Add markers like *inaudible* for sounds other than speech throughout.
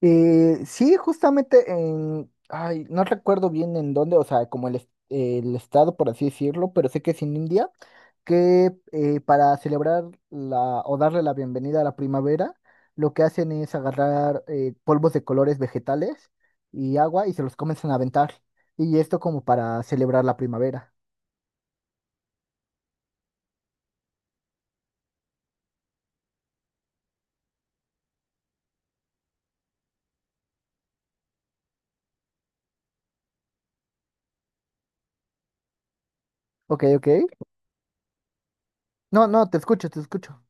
Sí, justamente en, ay, no recuerdo bien en dónde, o sea, como el, el estado, por así decirlo, pero sé que es en India, que para celebrar la, o darle la bienvenida a la primavera, lo que hacen es agarrar polvos de colores vegetales y agua y se los comienzan a aventar. Y esto como para celebrar la primavera. Ok, ok. No, no, te escucho, te escucho.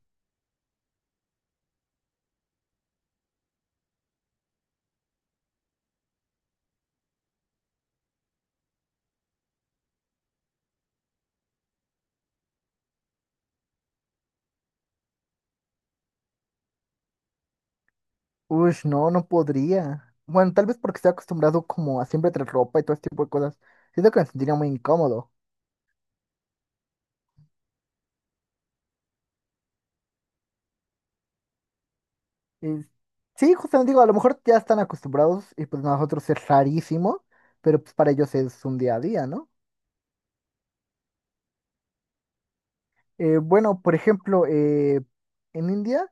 Uy, no, no podría. Bueno, tal vez porque estoy acostumbrado como a siempre traer ropa y todo este tipo de cosas. Siento que me sentiría muy incómodo. Y sí, justamente digo, a lo mejor ya están acostumbrados y pues nosotros es rarísimo, pero pues para ellos es un día a día, ¿no? Bueno, por ejemplo, en India.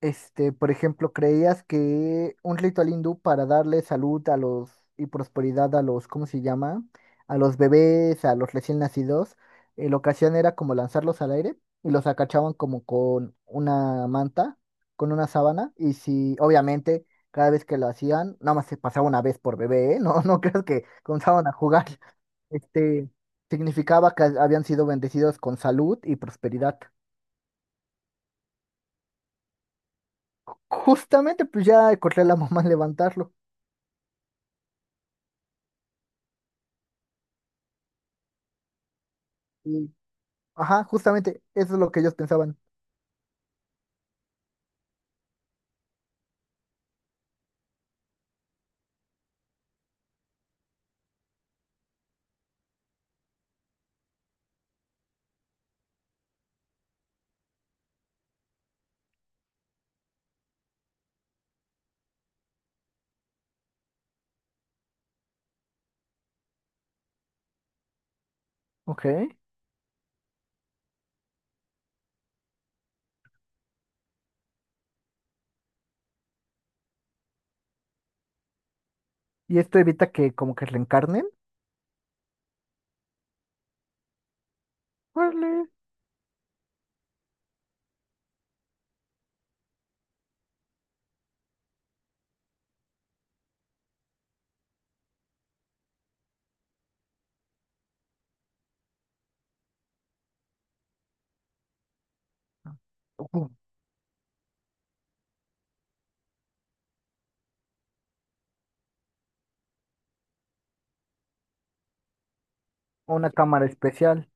Este, por ejemplo, ¿creías que un ritual hindú para darle salud a los y prosperidad a los, ¿cómo se llama? A los bebés, a los recién nacidos, la ocasión era como lanzarlos al aire y los acachaban como con una manta, con una sábana, y si, obviamente, cada vez que lo hacían, nada más se pasaba una vez por bebé, ¿eh? *laughs* No, no creas que comenzaban a jugar. Este, significaba que habían sido bendecidos con salud y prosperidad. Justamente, pues ya corría la mamá a levantarlo. Y, ajá, justamente eso es lo que ellos pensaban. Ok. ¿Y esto evita que como que reencarnen? Órale. Ujú. Una cámara especial.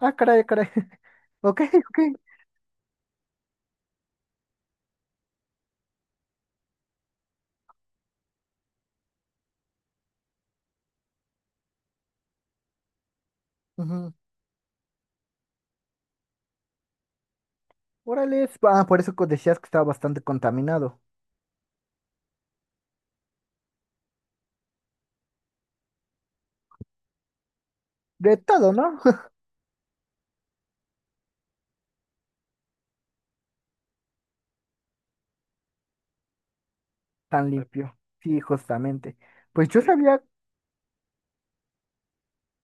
Ah, caray, caray. *laughs* Ok, ok. Ujú. Órale. Ah, por eso decías que estaba bastante contaminado. De todo, ¿no? *laughs* Tan limpio. Sí, justamente. Pues yo sabía,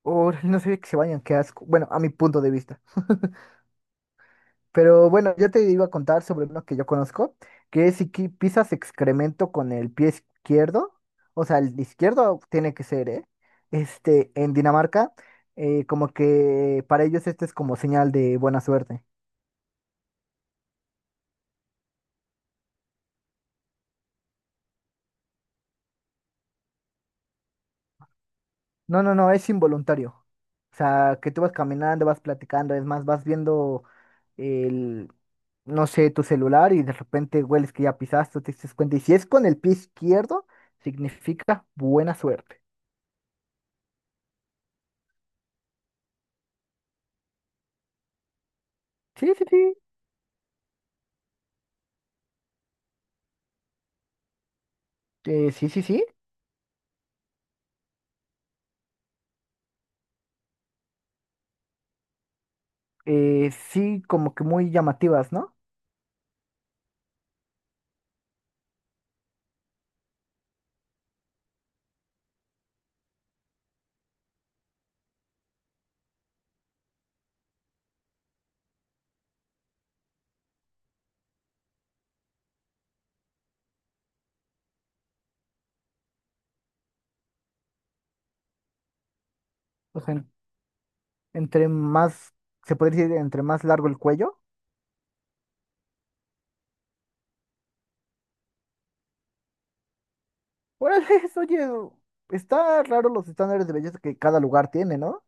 o no sabía que se bañan, qué asco. Bueno, a mi punto de vista. *laughs* Pero bueno, yo te iba a contar sobre uno que yo conozco, que es si pisas excremento con el pie izquierdo, o sea, el izquierdo tiene que ser, ¿eh? Este, en Dinamarca, como que para ellos este es como señal de buena suerte. No, no, no, es involuntario. O sea, que tú vas caminando, vas platicando, es más, vas viendo el, no sé, tu celular y de repente hueles que ya pisaste, te das cuenta. Y si es con el pie izquierdo, significa buena suerte. Sí, sí, sí. Sí, sí, sí. Sí, como que muy llamativas, ¿no? O sea, entre más, se podría decir, entre más largo el cuello. Órale, *laughs* oye, está raro los estándares de belleza que cada lugar tiene, ¿no?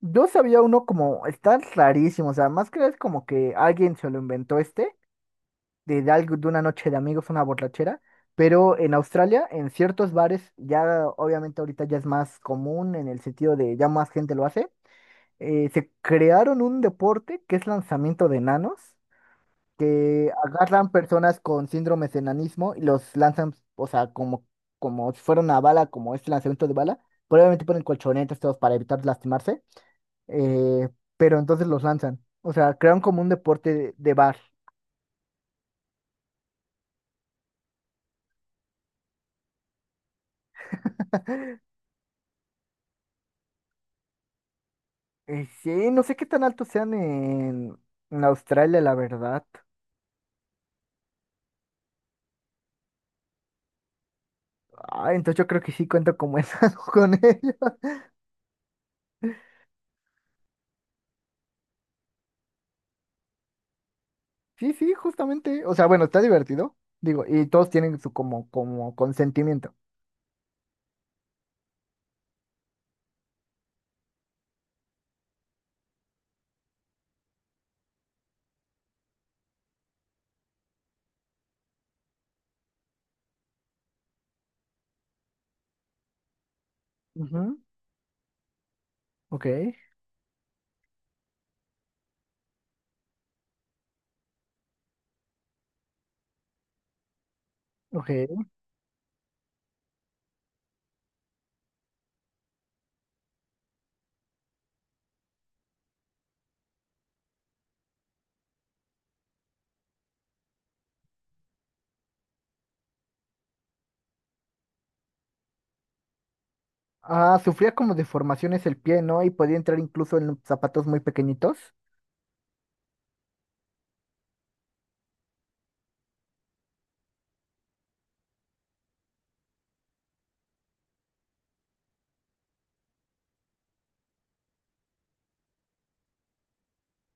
Yo sabía uno como, está rarísimo, o sea, más que es como que alguien se lo inventó este, de algo, de una noche de amigos, una borrachera, pero en Australia, en ciertos bares, ya obviamente ahorita ya es más común en el sentido de ya más gente lo hace. Se crearon un deporte que es lanzamiento de enanos, que agarran personas con síndromes de enanismo y los lanzan, o sea, como, como si fuera una bala, como este lanzamiento de bala. Probablemente ponen colchonetas todos para evitar lastimarse, eh, pero entonces los lanzan. O sea, crearon como un deporte de bar. *laughs* Sí, no sé qué tan altos sean en Australia, la verdad. Ah, entonces yo creo que sí cuento como enano *laughs* con ellos. Sí, sí, justamente. O sea, bueno, está divertido. Digo, y todos tienen su como, como consentimiento. Ujú. Ok, ok. Ah, sufría como deformaciones el pie, ¿no? Y podía entrar incluso en zapatos muy pequeñitos.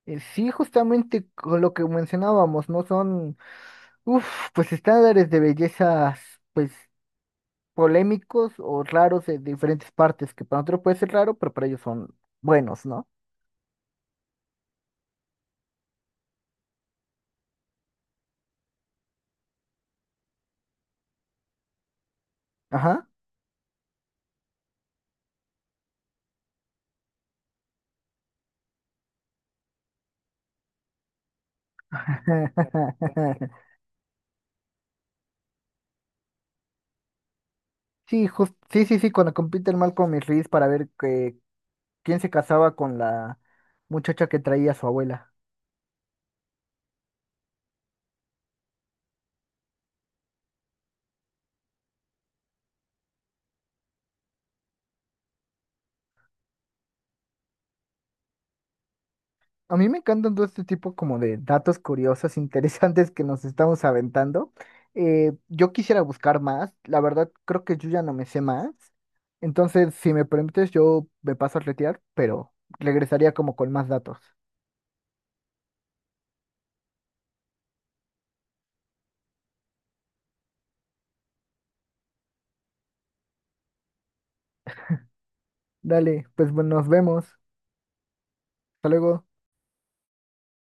Sí, justamente con lo que mencionábamos, ¿no? Son, uff, pues estándares de bellezas, pues polémicos o raros de diferentes partes, que para nosotros puede ser raro, pero para ellos son buenos, ¿no? Ajá. *laughs* Sí, sí, sí, sí, cuando compite el Malcolm y Reese para ver que, quién se casaba con la muchacha que traía a su abuela. A mí me encantan todo este tipo como de datos curiosos, *laughs* interesantes que nos estamos aventando. Yo quisiera buscar más, la verdad creo que yo ya no me sé más. Entonces, si me permites, yo me paso a retirar, pero regresaría como con más datos. Dale, pues bueno, nos vemos. Hasta luego.